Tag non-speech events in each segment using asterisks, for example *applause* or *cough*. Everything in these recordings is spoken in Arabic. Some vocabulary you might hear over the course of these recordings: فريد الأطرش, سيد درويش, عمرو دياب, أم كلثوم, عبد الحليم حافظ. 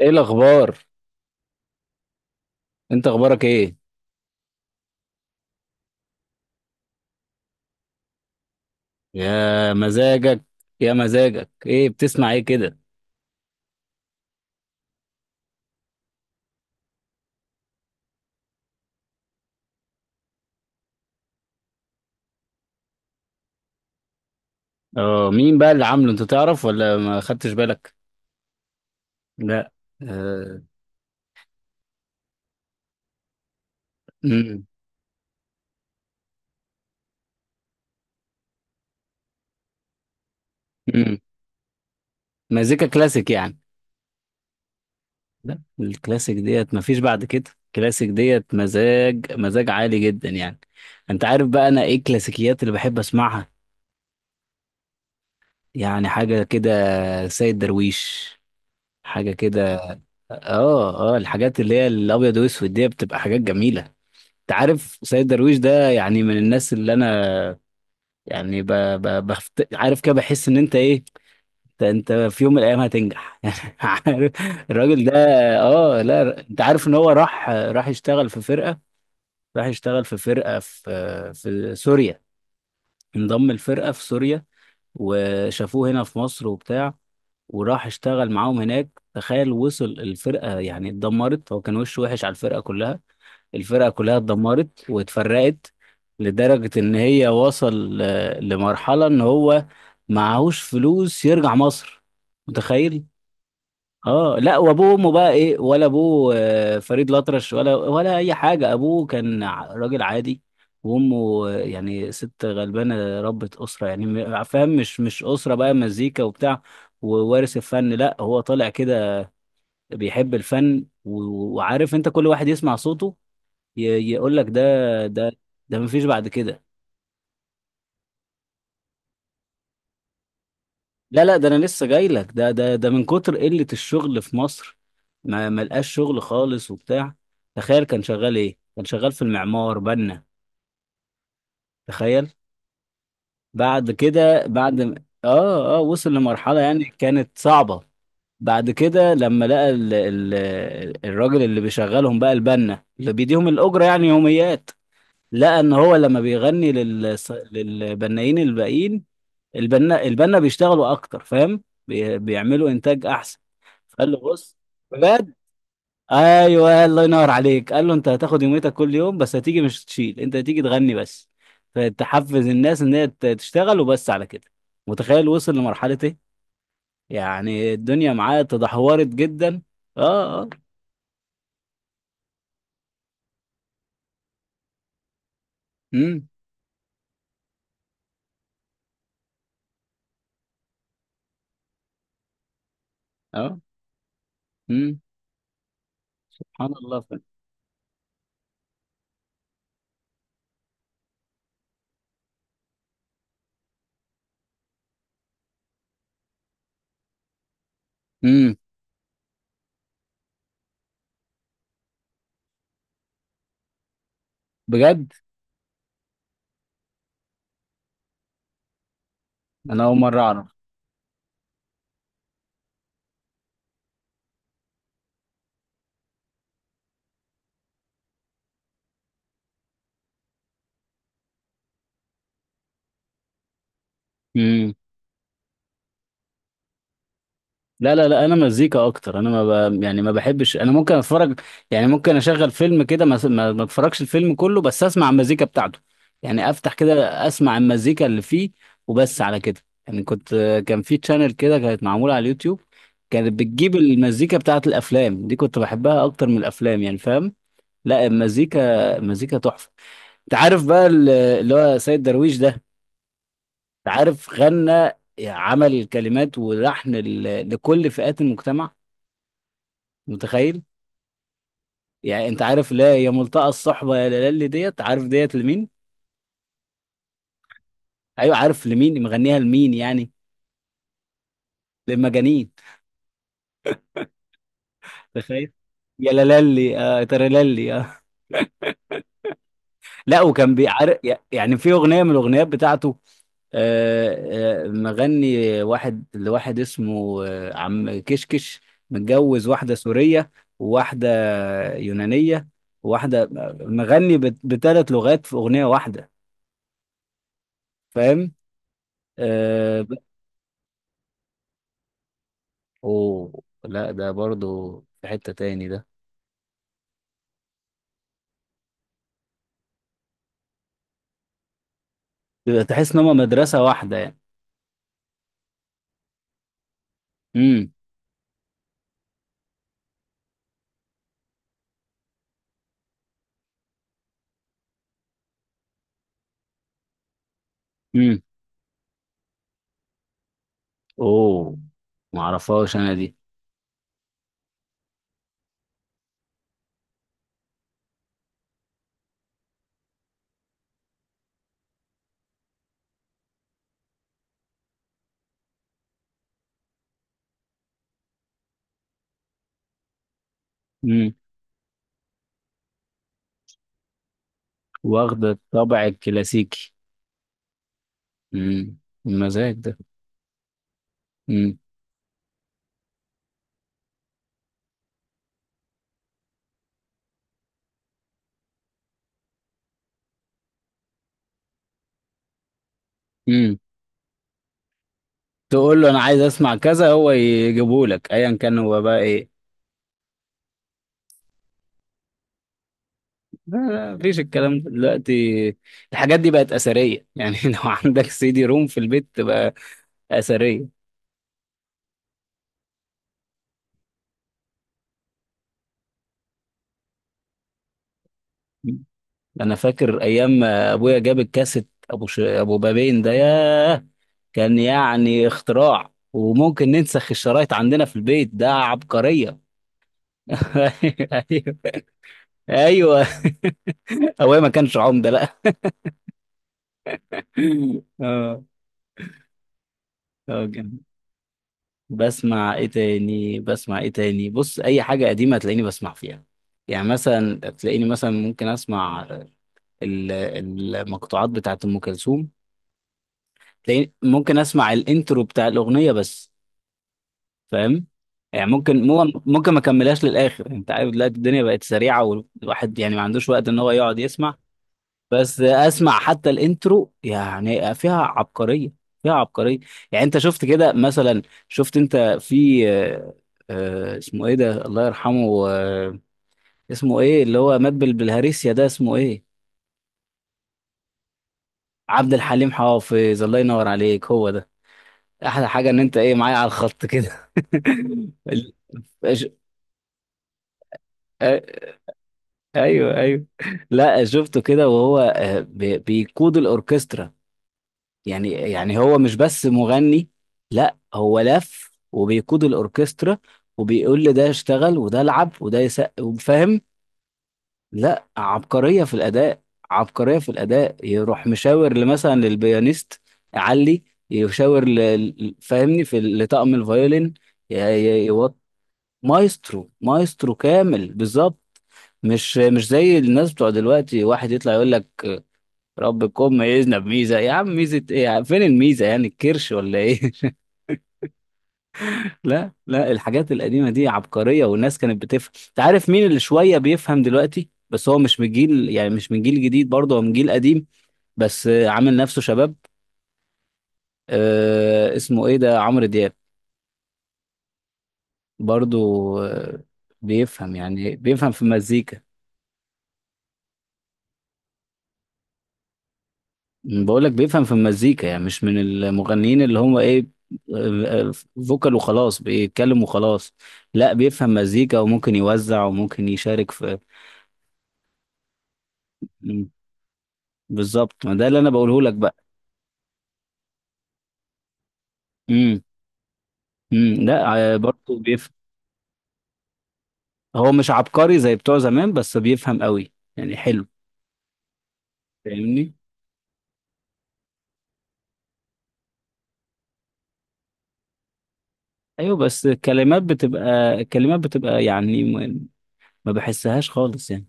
ايه الاخبار؟ انت اخبارك ايه؟ يا مزاجك. يا مزاجك، ايه بتسمع ايه كده؟ اه، مين بقى اللي عامله؟ انت تعرف ولا ما خدتش بالك؟ لا. آه. امم. امم. مزيكا كلاسيك يعني. لا، الكلاسيك ديت مفيش بعد كده، الكلاسيك ديت مزاج مزاج عالي جدا يعني. انت عارف بقى انا ايه الكلاسيكيات اللي بحب اسمعها؟ يعني حاجة كده، سيد درويش، حاجة كده. اه اه، الحاجات اللي هي الابيض واسود دي بتبقى حاجات جميلة. انت عارف سيد درويش ده يعني من الناس اللي انا، يعني عارف كده، بحس ان انت ايه، انت, انت في يوم من الايام هتنجح *laughs* يعني. عارف؟ الراجل ده. اه لا، انت عارف ان هو راح يشتغل في فرقة، راح يشتغل في فرقة في، في سوريا، انضم الفرقة في سوريا. وشافوه هنا في مصر وبتاع، وراح اشتغل معاهم هناك. تخيل وصل الفرقة يعني اتدمرت، هو كان وشه وحش على الفرقة كلها، الفرقة كلها اتدمرت واتفرقت. لدرجة ان هي وصل لمرحلة ان هو معهوش فلوس يرجع مصر. متخيل؟ اه لا، وابوه وامه بقى ايه؟ ولا ابوه فريد الأطرش، ولا اي حاجة، ابوه كان راجل عادي، وامه يعني ست غلبانة ربة أسرة، يعني فاهم؟ مش أسرة بقى مزيكا وبتاع ووارث الفن، لا هو طالع كده بيحب الفن وعارف انت كل واحد يسمع صوته يقول لك ده، ده ده مفيش بعد كده. لا لا، ده انا لسه جاي لك، ده ده ده من كتر قلة الشغل في مصر ما لقاش شغل خالص وبتاع. تخيل كان شغال ايه؟ كان شغال في المعمار، بنا. تخيل! بعد كده بعد اه اه وصل لمرحلة يعني كانت صعبة. بعد كده لما لقى ال ال الراجل اللي بيشغلهم بقى، البنا اللي بيديهم الأجرة يعني يوميات، لقى ان هو لما بيغني للبنائين الباقيين، البنا بيشتغلوا اكتر، فاهم؟ بيعملوا انتاج احسن، فقال له بص. بجد؟ ايوه، الله ينور عليك! قال له انت هتاخد يوميتك كل يوم، بس هتيجي مش تشيل، انت هتيجي تغني بس، فتحفز الناس ان هي تشتغل، وبس على كده. متخيل وصل لمرحله ايه! يعني الدنيا معاه تدهورت جدا. اه اه. امم. اه. امم. سبحان الله. امم. بجد. انا اول مره اعرف. لا لا لا، انا مزيكا اكتر، انا ما ب... يعني ما بحبش، انا ممكن اتفرج. يعني ممكن اشغل فيلم كده ما اتفرجش الفيلم كله، بس اسمع المزيكا بتاعته. يعني افتح كده، اسمع المزيكا اللي فيه، وبس على كده. يعني كنت، كان في تشانل كده كانت معمولة على اليوتيوب، كانت بتجيب المزيكا بتاعت الافلام دي، كنت بحبها اكتر من الافلام يعني، فاهم؟ لا، المزيكا تحفة. انت عارف بقى اللي هو سيد درويش ده، انت عارف غنى، عمل الكلمات ولحن لكل فئات المجتمع؟ متخيل؟ يعني انت عارف لا يا ملتقى الصحبه يا لالي، ديت عارف ديت لمين؟ ايوه. عارف لمين مغنيها لمين يعني؟ للمجانين! تخيل! يا لالي آه ترللي آه. *laughs* لا، وكان بيعرف، يعني في اغنيه من الاغنيات بتاعته، مغني واحد لواحد اسمه عم كشكش، متجوز واحدة سورية، وواحدة يونانية، وواحدة، مغني بثلاث لغات في أغنية واحدة، فاهم؟ آه. اوه لا، ده برضو في حتة تاني ده، يبقى تحس ان هما مدرسة واحدة يعني. امم. امم. اوه، معرفهاش انا دي. امم. واخدة الطبع الكلاسيكي. امم. المزاج ده. امم. امم. تقول له انا عايز اسمع كذا، هو يجيبه لك، ايا كان هو بقى ايه. لا لا، مفيش الكلام ده دلوقتي، الحاجات دي بقت اثرية يعني. *laughs* لو عندك سي دي روم في البيت تبقى اثرية. انا فاكر ايام ما ابويا جاب الكاسيت، ابو ابو بابين ده، ياه! كان يعني اختراع، وممكن ننسخ الشرايط عندنا في البيت، ده عبقرية! *laughs* ايوه ايوه. ابويا ما كانش عمدة لا. *laughs* اه. اه جامد. بسمع ايه تاني؟ بص، اي حاجة قديمة هتلاقيني بسمع فيها. يعني مثلا تلاقيني مثلا ممكن اسمع المقطوعات بتاعت ام كلثوم، تلاقيني ممكن اسمع الانترو بتاع الاغنية بس، فاهم؟ يعني ممكن ممكن ما كملهاش للاخر. انت عارف دلوقتي الدنيا بقت سريعه، والواحد يعني ما عندوش وقت ان هو يقعد يسمع. بس اسمع حتى الانترو، يعني فيها عبقريه، فيها عبقريه. يعني انت شفت كده مثلا، شفت انت في اسمه ايه ده الله يرحمه، اسمه ايه اللي هو مات بالهريسيا ده، اسمه ايه؟ عبد الحليم حافظ، الله ينور عليك، هو ده! احلى حاجه ان انت ايه معايا على الخط كده. *laughs* ال- ايوه ايوه. لا، شفته كده وهو بيقود الاوركسترا، يعني يعني هو مش بس مغني، لا هو لف وبيقود الاوركسترا، وبيقول لده اشتغل وده العب وده يسقف، فاهم؟ لا، عبقريه في الاداء، عبقريه في الاداء. يروح مشاور مثلا للبيانيست علي، يشاور فاهمني في لطقم الفيولين، ي... ي... يوط- مايسترو، مايسترو كامل بالظبط. مش زي الناس بتوع دلوقتي، واحد يطلع يقول لك ربكم ميزنا بميزه، يا عم ميزه ايه يا عم؟ فين الميزه؟ يعني الكرش ولا ايه؟ *laughs* لا لا، الحاجات القديمه دي عبقريه، والناس كانت بتفهم، انت عارف مين اللي شويه بيفهم دلوقتي؟ بس هو مش من جيل، يعني مش من جيل جديد برضه، هو من جيل قديم بس عامل نفسه شباب. آه اسمه ايه ده، عمرو دياب، برضه آه، بيفهم يعني، بيفهم في المزيكا. بقول لك بيفهم في المزيكا، يعني مش من المغنيين اللي هم ايه، آه، فوكال وخلاص، بيتكلم وخلاص. لا بيفهم مزيكا، وممكن يوزع وممكن يشارك في. مم. بالظبط، ما ده اللي انا بقوله لك بقى. امم. امم. لا برضه بيفهم. هو مش عبقري زي بتوع زمان، بس بيفهم قوي يعني، حلو. فاهمني؟ ايوه. بس الكلمات بتبقى، يعني ما بحسهاش خالص يعني.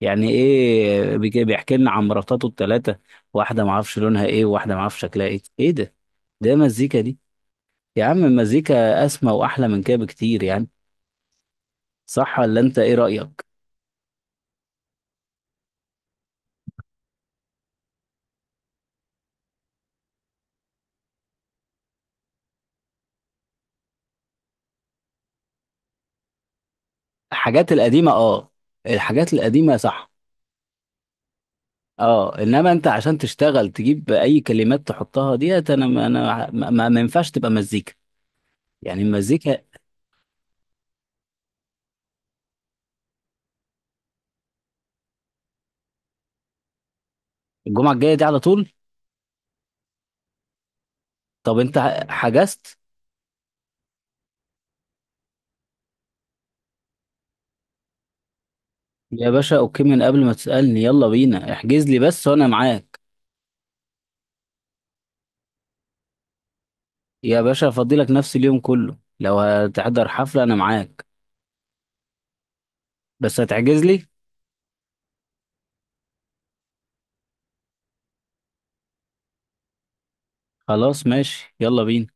يعني ايه بيحكي لنا عن مراتاته الثلاثه، واحده ما اعرفش لونها ايه، وواحده ما اعرفش شكلها ايه، ايه ده؟ ده مزيكا دي؟ يا عم المزيكا اسمى واحلى من كده بكتير يعني. صح ولا انت ايه رايك؟ الحاجات القديمه اه. الحاجات القديمه صح. اه، انما انت عشان تشتغل تجيب اي كلمات تحطها ديت، انا ما ينفعش تبقى مزيكا، يعني المزيكا. الجمعه الجايه دي على طول؟ طب انت حجزت؟ يا باشا اوكي، من قبل ما تسالني يلا بينا، احجز لي بس وانا معاك. يا باشا افضلك نفس اليوم كله، لو هتحضر حفلة انا معاك، بس هتعجز لي. خلاص ماشي، يلا بينا.